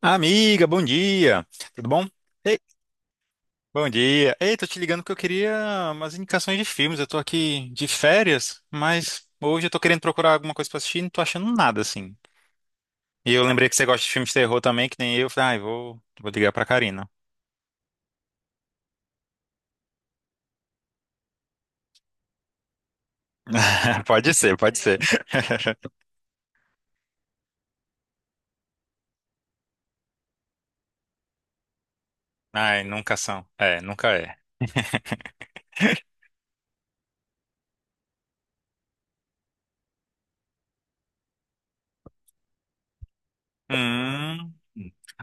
Amiga, bom dia. Tudo bom? Ei, bom dia. Ei, tô te ligando porque eu queria umas indicações de filmes. Eu tô aqui de férias, mas hoje eu tô querendo procurar alguma coisa pra assistir e não tô achando nada assim. E eu lembrei que você gosta de filmes de terror também, que nem eu. Falei, ai, vou ligar pra Karina. Pode ser, pode ser. Ai, nunca são. É, nunca é. Hum.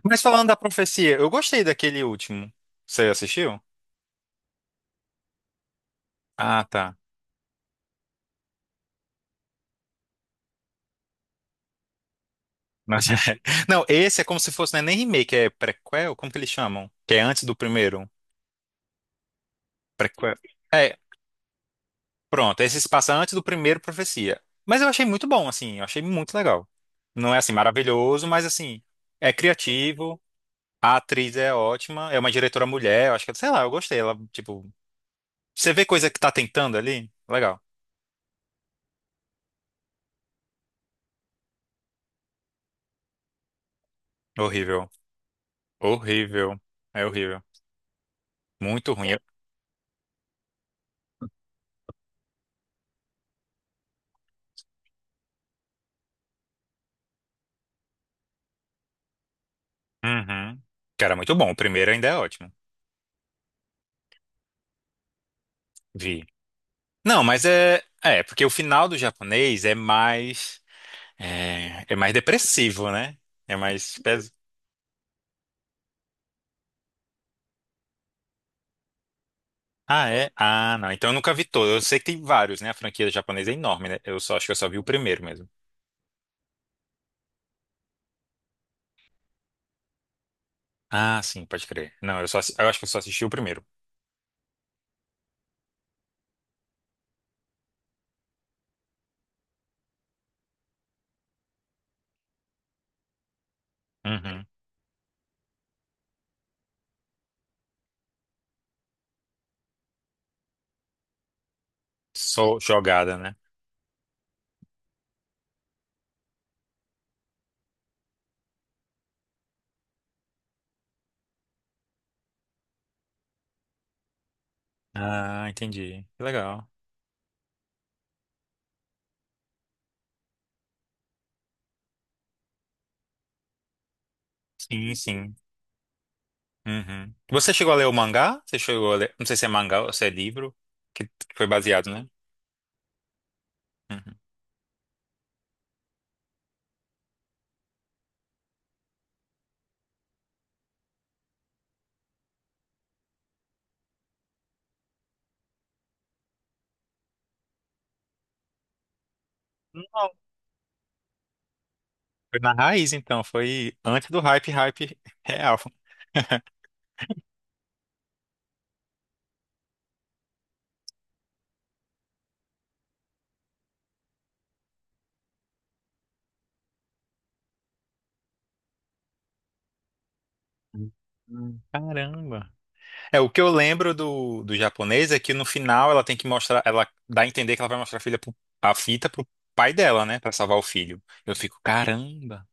Mas falando da profecia, eu gostei daquele último. Você assistiu? Ah, tá. Mas Não, esse é como se fosse, não é nem remake, é prequel, como que eles chamam? Que é antes do primeiro. Prequel. É, pronto, esse se passa antes do primeiro Profecia. Mas eu achei muito bom, assim, eu achei muito legal. Não é assim maravilhoso, mas assim, é criativo, a atriz é ótima, é uma diretora mulher, eu acho que, sei lá, eu gostei. Ela, tipo, você vê coisa que tá tentando ali? Legal. Horrível. Horrível. É horrível. Muito ruim. Uhum. Cara, muito bom. O primeiro ainda é ótimo. Vi. Não, mas é. É, porque o final do japonês é mais. É, é mais depressivo, né? É mais. Ah, é? Ah, não. Então eu nunca vi todo. Eu sei que tem vários, né? A franquia japonesa é enorme, né? Eu só acho que eu só vi o primeiro mesmo. Ah, sim, pode crer. Não, eu só, eu acho que eu só assisti o primeiro. Uhum. Só jogada, né? Ah, entendi. Que legal. Sim, sim. Uhum. Você chegou a ler o mangá? Você chegou a ler... Não sei se é mangá ou se é livro, que foi baseado, né? Uhum. Foi na raiz, então. Foi antes do hype, hype real. Caramba. É, o que eu lembro do japonês é que no final ela tem que mostrar, ela dá a entender que ela vai mostrar a filha a fita pro pai dela, né? Pra salvar o filho. Eu fico, caramba.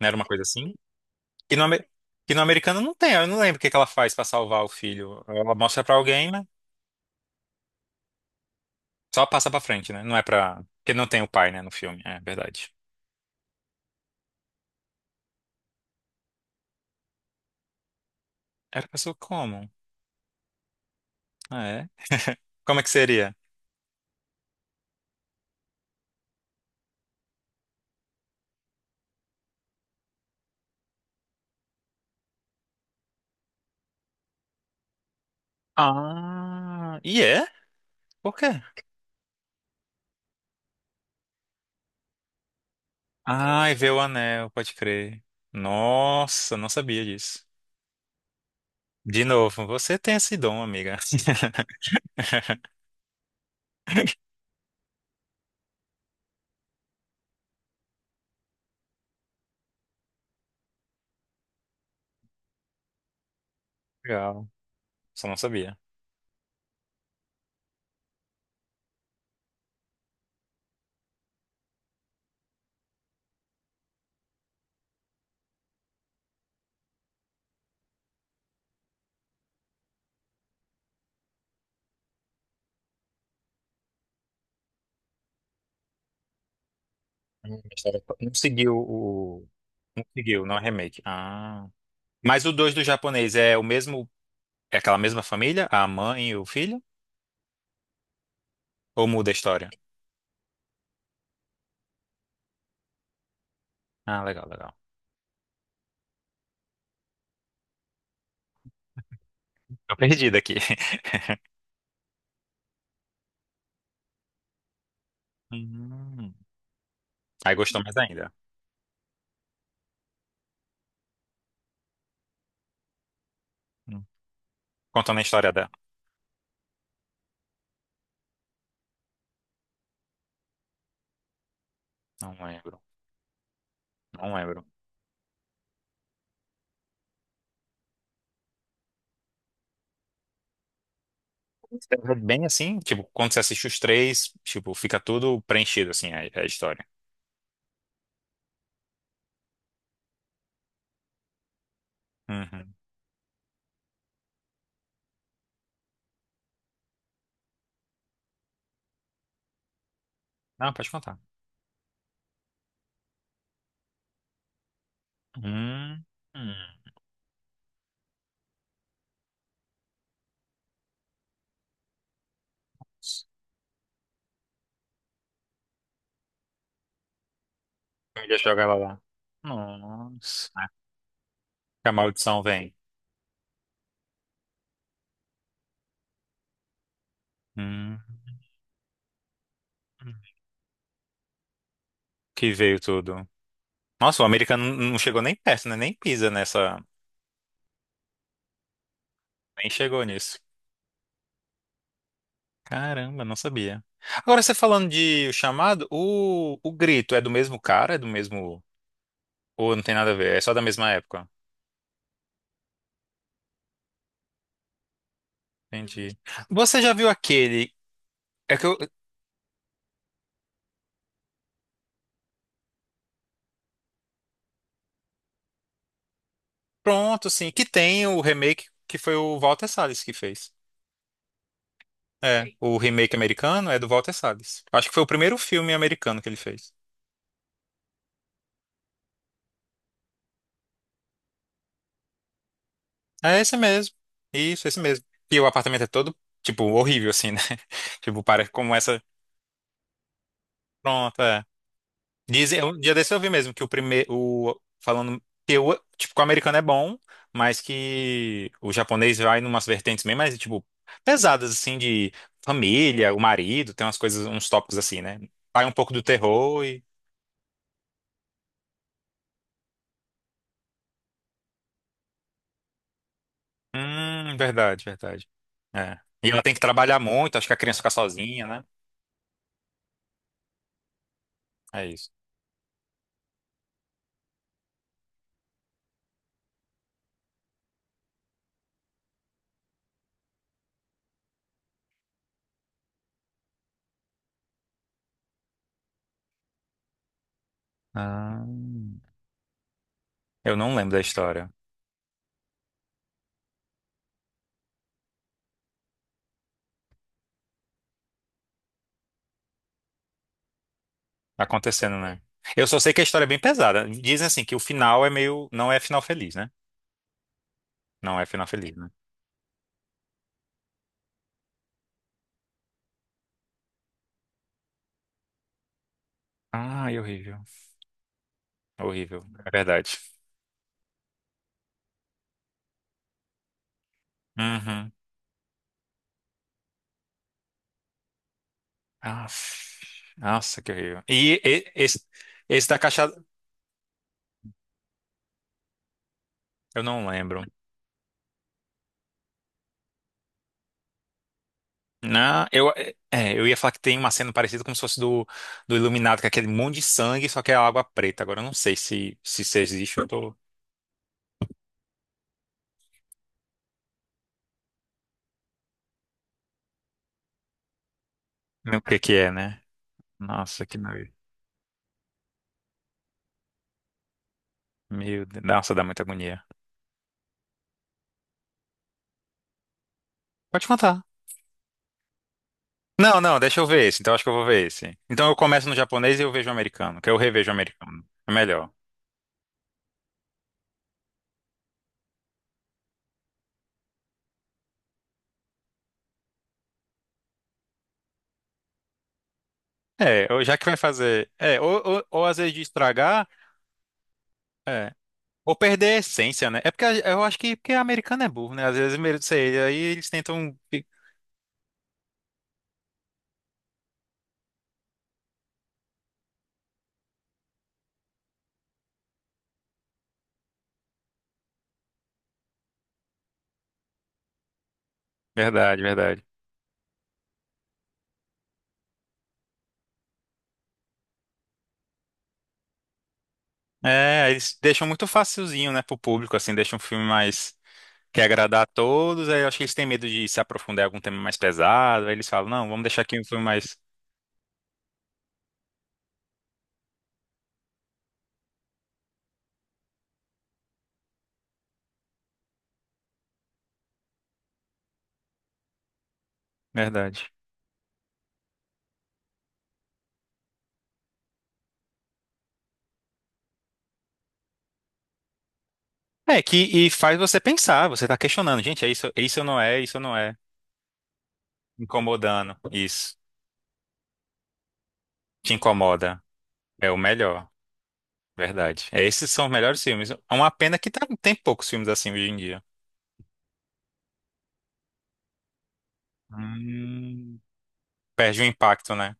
Não era uma coisa assim? Que no, que no americano não tem, eu não lembro o que que ela faz pra salvar o filho. Ela mostra pra alguém, né? Só passa pra frente, né? Não é pra. Porque não tem o pai, né, no filme. É verdade. Era pessoa como? Ah, é? Como é que seria? Ah, e é? Por quê? Ai, vê o anel, pode crer. Nossa, não sabia disso. De novo, você tem esse dom, amiga. Legal, só não sabia. A Não seguiu o. Não seguiu, não é remake. Ah. Mas o 2 do japonês é o mesmo. É aquela mesma família? A mãe e o filho? Ou muda a história? Ah, legal, legal. Tô perdido aqui. Hum. Aí gostou mais ainda. Hum. Contando a história dela. Não lembro, não lembro. É bem assim, tipo, quando você assiste os três, tipo, fica tudo preenchido, assim, a história. Uhum. Não, pode contar. Hum. Hum. Eu ia jogar ela lá. Nossa. Que a maldição vem. Hum. Que veio tudo. Nossa, o americano não chegou nem perto, né? Nem pisa nessa. Nem chegou nisso. Caramba, não sabia. Agora você falando de O Chamado, o Grito é do mesmo cara? É do mesmo. Ou não tem nada a ver? É só da mesma época? Entendi. Você já viu aquele. É que eu- Pronto, sim, que tem o remake que foi o Walter Salles que fez. É, o remake americano é do Walter Salles. Acho que foi o primeiro filme americano que ele fez. É esse mesmo. Isso, esse mesmo. E o apartamento é todo, tipo, horrível, assim, né? Tipo, para como essa. Pronto, é. Dizem, um dia desse eu vi mesmo que o primeiro, o, falando que o, tipo, que o americano é bom, mas que o japonês vai numas vertentes bem mais, tipo, pesadas, assim, de família, o marido, tem umas coisas, uns tópicos assim, né? Vai um pouco do terror e... verdade, verdade. É. E ela tem que trabalhar muito, acho que a criança fica sozinha, né? É isso. Ah, eu não lembro da história. Tá acontecendo, né? Eu só sei que a história é bem pesada. Dizem assim que o final é meio. Não é final feliz, né? Não é final feliz, né? Ai, horrível. É horrível. É verdade. Uhum. Aff. Nossa, que horrível. Esse, esse da caixa. Eu não lembro. Não, eu, é, eu ia falar que tem uma cena parecida como se fosse do Iluminado, que é aquele monte de sangue, só que é água preta. Agora eu não sei se, se isso existe, eu tô. Não, o que que é, né? Nossa, que nojo. Meu Deus. Nossa, dá muita agonia. Pode contar. Não, não, deixa eu ver esse. Então acho que eu vou ver esse. Então eu começo no japonês e eu vejo o americano, que eu revejo o americano. É melhor. É, ou já que vai fazer. É, ou às vezes de estragar, é, ou perder a essência, né? É porque eu acho que porque americano é burro, né? Às vezes, mesmo, sei, aí eles tentam. Verdade, verdade. É, eles deixam muito facilzinho, né, pro público, assim, deixam um filme mais. Quer agradar a todos, aí eu acho que eles têm medo de se aprofundar em algum tema mais pesado, aí eles falam, não, vamos deixar aqui um filme mais. Verdade. É, que e faz você pensar, você tá questionando, gente, é isso, isso não é, isso não é. Incomodando, isso. Te incomoda. É o melhor. Verdade. É, esses são os melhores filmes. É uma pena que tem poucos filmes assim hoje em dia. Hum. Perde o impacto, né?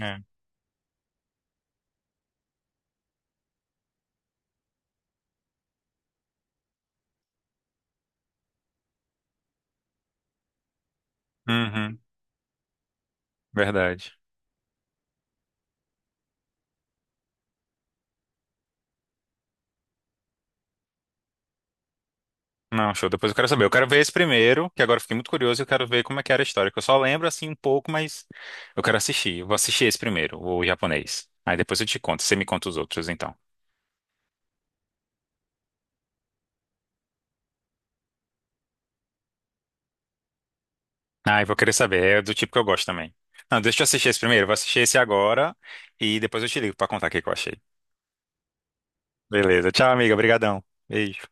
É. Uhum. Verdade. Não, show. Depois eu quero saber. Eu quero ver esse primeiro, que agora eu fiquei muito curioso e eu quero ver como é que era a história. Que eu só lembro assim um pouco, mas eu quero assistir. Eu vou assistir esse primeiro, o japonês. Aí depois eu te conto. Você me conta os outros, então. Ah, eu vou querer saber. É do tipo que eu gosto também. Não, deixa eu assistir esse primeiro. Eu vou assistir esse agora e depois eu te ligo pra contar o que que eu achei. Beleza. Tchau, amiga. Obrigadão. Beijo.